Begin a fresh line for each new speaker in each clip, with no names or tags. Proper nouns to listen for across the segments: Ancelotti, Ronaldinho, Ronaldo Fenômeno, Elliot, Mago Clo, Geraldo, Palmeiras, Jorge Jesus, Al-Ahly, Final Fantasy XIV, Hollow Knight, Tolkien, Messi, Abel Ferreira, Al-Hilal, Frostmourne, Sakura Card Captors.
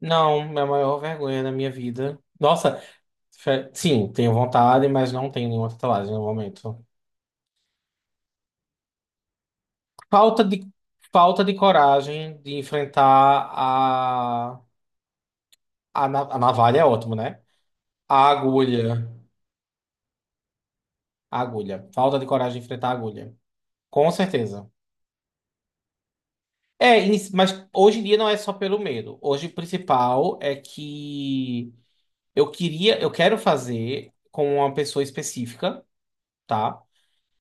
Não, é a maior vergonha da minha vida. Nossa, sim, tenho vontade, mas não tenho nenhuma tatuagem no momento. Falta de, falta de coragem de enfrentar a navalha é ótimo, né? A agulha. A agulha. Falta de coragem de enfrentar a agulha. Com certeza. É, mas hoje em dia não é só pelo medo. Hoje o principal é que eu quero fazer com uma pessoa específica, tá?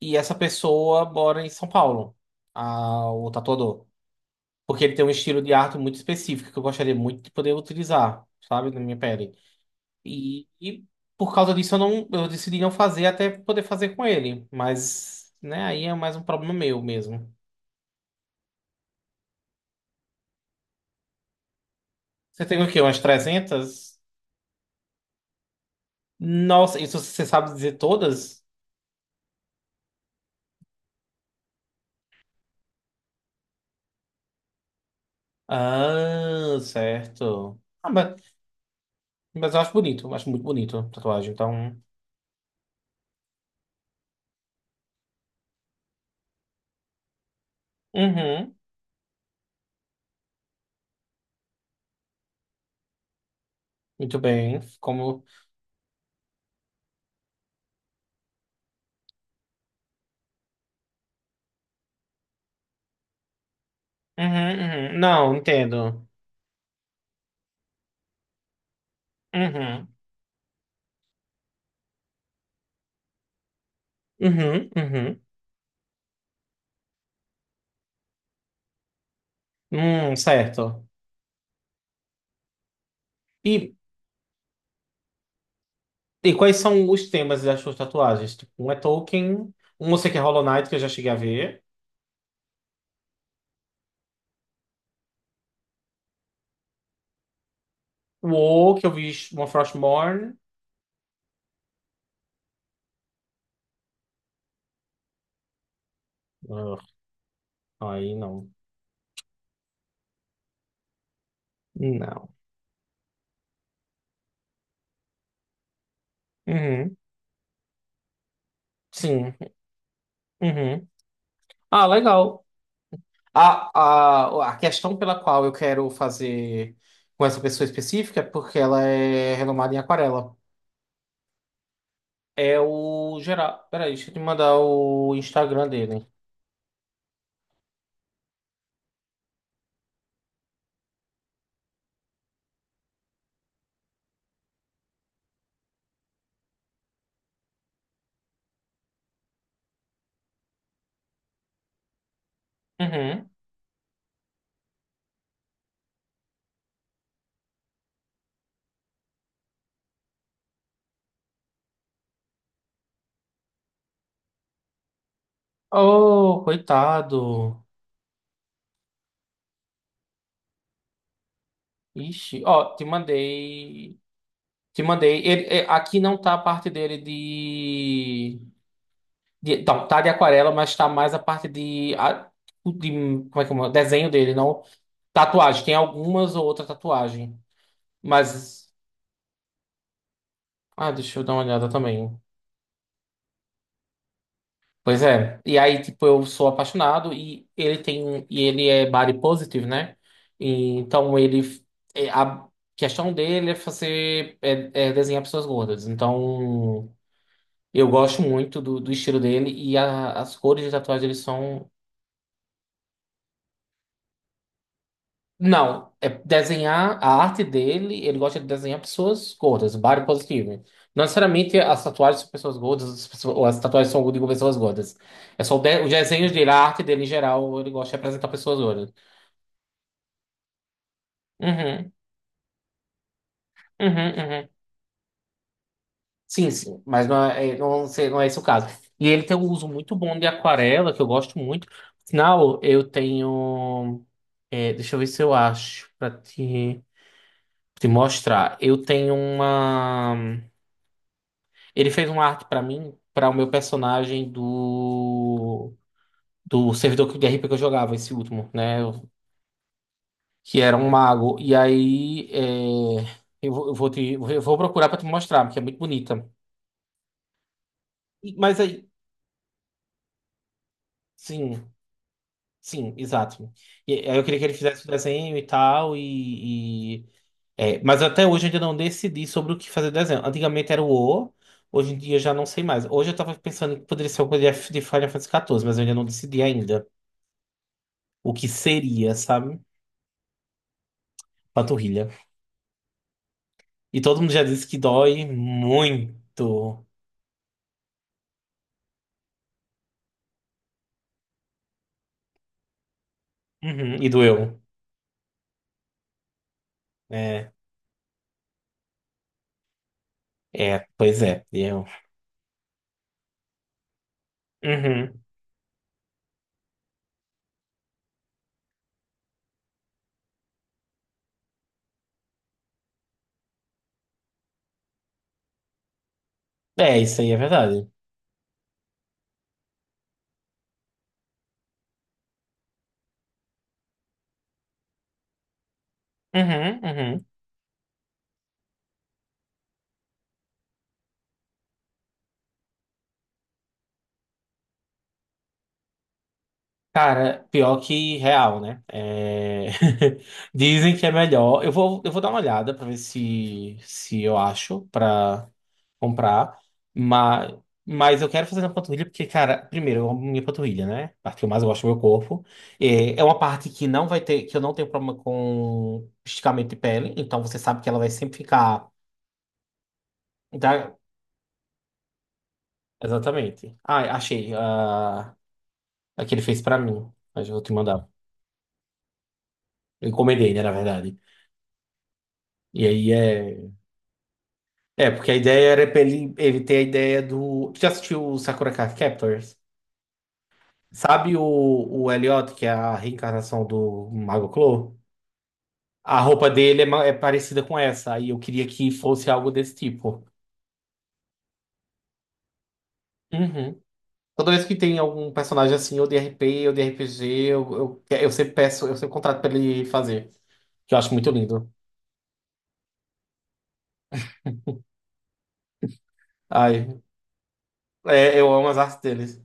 E essa pessoa mora em São Paulo, o tatuador. Porque ele tem um estilo de arte muito específico que eu gostaria muito de poder utilizar, sabe, na minha pele. E por causa disso eu decidi não fazer até poder fazer com ele. Mas, né, aí é mais um problema meu mesmo. Você tem o quê? Umas 300? Nossa, isso você sabe dizer todas? Ah, certo. Mas eu acho bonito, eu acho muito bonito a tatuagem. Então, uhum, muito bem. Como uhum, uhum. Não, entendo. Uhum, uhum, uhum. Certo. E, e quais são os temas das suas tatuagens? Tipo, um é Tolkien, um eu sei que é Hollow Knight, que eu já cheguei a ver. O O, que eu vi uma Frostmourne. Ugh, aí não. Não. Uhum, sim. Uhum. Ah, legal. A questão pela qual eu quero fazer com essa pessoa específica é porque ela é renomada em aquarela. É o Geraldo. Peraí, deixa eu te mandar o Instagram dele. Uhum. Oh, coitado. Ixi, ó, te mandei. Te mandei. Ele, é, aqui não tá a parte dele de, de. Não, tá de aquarela, mas tá mais a parte de. De como é que é? Desenho dele, não. Tatuagem. Tem algumas ou outra tatuagem. Mas. Ah, deixa eu dar uma olhada também. Pois é. E aí, tipo, eu sou apaixonado e ele tem um, e ele é body positive, né? E, então ele é, a questão dele é fazer é, é desenhar pessoas gordas. Então eu gosto muito do estilo dele e as cores de tatuagem dele são não, é desenhar a arte dele, ele gosta de desenhar pessoas gordas, body positive. Não necessariamente as tatuagens são pessoas gordas, as, pessoas, ou as tatuagens são de pessoas gordas. É só o, de, o desenho dele, a arte dele em geral, ele gosta de representar pessoas gordas. Uhum, uhum, uhum. Sim, sim, mas não é, não, não é esse o caso. E ele tem um uso muito bom de aquarela, que eu gosto muito. Afinal, eu tenho. É, deixa eu ver se eu acho, pra te, te mostrar. Eu tenho uma. Ele fez uma arte pra mim, pra o meu personagem do servidor de RP que eu jogava, esse último, né? Eu- Que era um mago. E aí é, eu, vou procurar pra te mostrar, porque é muito bonita. E- Mas aí, sim, sim, exato. E aí eu queria que ele fizesse o desenho e tal e- é, mas até hoje eu ainda não decidi sobre o que fazer desenho. Antigamente era o O, hoje em dia eu já não sei mais. Hoje eu tava pensando que poderia ser alguma coisa de de Final Fantasy XIV, mas eu ainda não decidi ainda. O que seria, sabe? Panturrilha. E todo mundo já disse que dói muito. Uhum, e doeu. É, pois é. Eu. Uhum. É, isso aí é verdade. Uhum, uhum. Cara, pior que real, né? É, dizem que é melhor. Eu vou dar uma olhada pra ver se eu acho pra comprar. Mas, mas eu quero fazer na panturrilha porque, cara, primeiro, eu amo minha panturrilha, né? A parte que eu mais gosto do meu corpo. É, é uma parte que não vai ter, que eu não tenho problema com esticamento de pele. Então você sabe que ela vai sempre ficar. da- Exatamente. Ah, achei. Ah, a que ele fez pra mim. Mas eu vou te mandar. Eu encomendei, né, na verdade. E aí é. É, porque a ideia era pra ele, ele ter a ideia do. Tu já assistiu o Sakura Card Captors? Sabe o Elliot, que é a reencarnação do Mago Clo? A roupa dele é, é parecida com essa, aí eu queria que fosse algo desse tipo. Uhum. Toda vez que tem algum personagem assim, ou de RP, ou de RPG, eu, eu sempre peço, eu sempre contrato pra ele fazer, que eu acho muito lindo. Ai, é, eu amo as artes deles.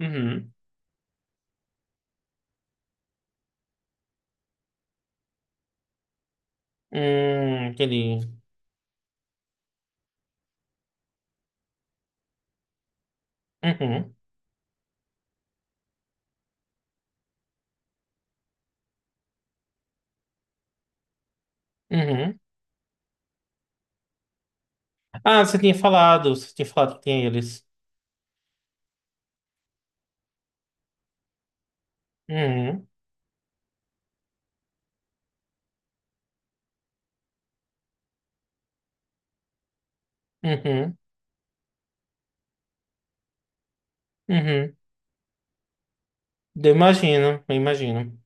Uhum. Entendi. Uhum. Uhum. Ah, você tinha falado que tinha eles. Uhum, uhum, uhum. Eu imagino, eu imagino.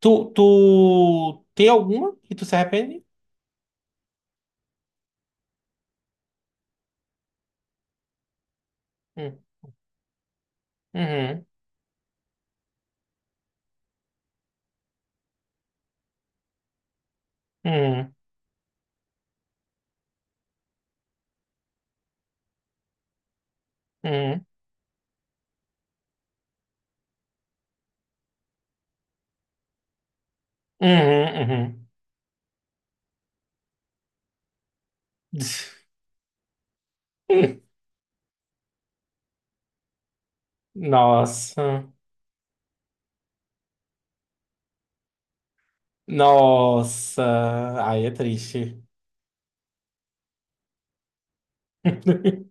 Tu tem alguma que tu se arrepende? Hum, Uhum, uhum, uhum, uhum, uhum. Nossa, nossa, aí é triste.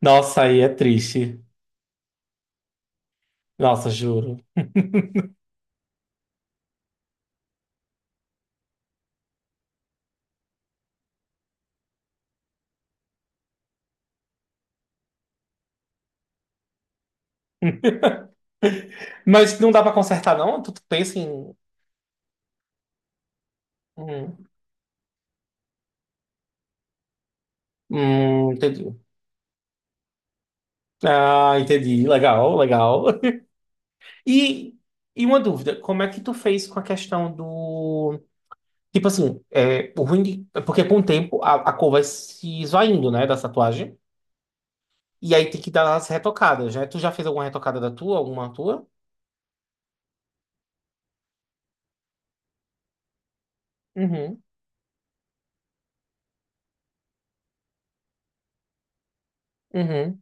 Nossa, aí é triste. Nossa, juro. Mas não dá pra consertar, não? Tu pensa em. Hum, entendi. Ah, entendi. Legal, legal. E, e uma dúvida, como é que tu fez com a questão do. Tipo assim, é, o ruim é porque com o tempo a cor vai se esvaindo, né, da tatuagem. E aí tem que dar as retocadas, né? Tu já fez alguma retocada da tua, alguma tua? Uhum, uhum.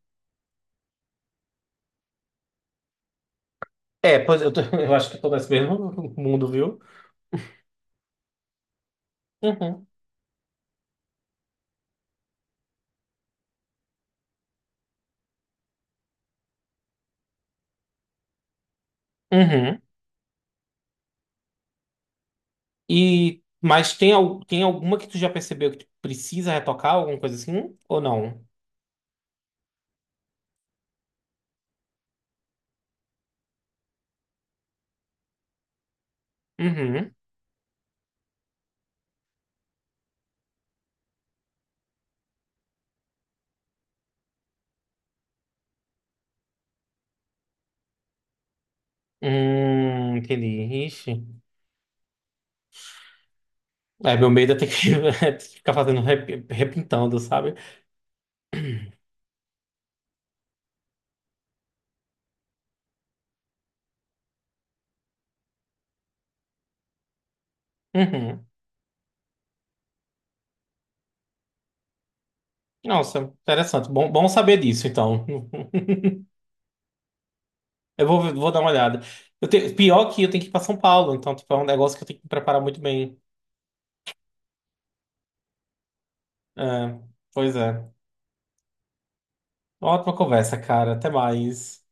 É, pois eu, tô- eu acho que eu tô nesse mesmo mundo, viu? Uhum, uhum. E, mas tem, tem alguma que tu já percebeu que tu precisa retocar, alguma coisa assim? Ou não? Uhum. Entendi. Ixi. É, meu medo é ter que ficar fazendo repintando, sabe? Uhum. Nossa, interessante. Bom, bom saber disso, então. Vou dar uma olhada. Pior que eu tenho que ir para São Paulo, então tipo, é um negócio que eu tenho que me preparar muito bem. É, pois é. Ótima conversa, cara. Até mais.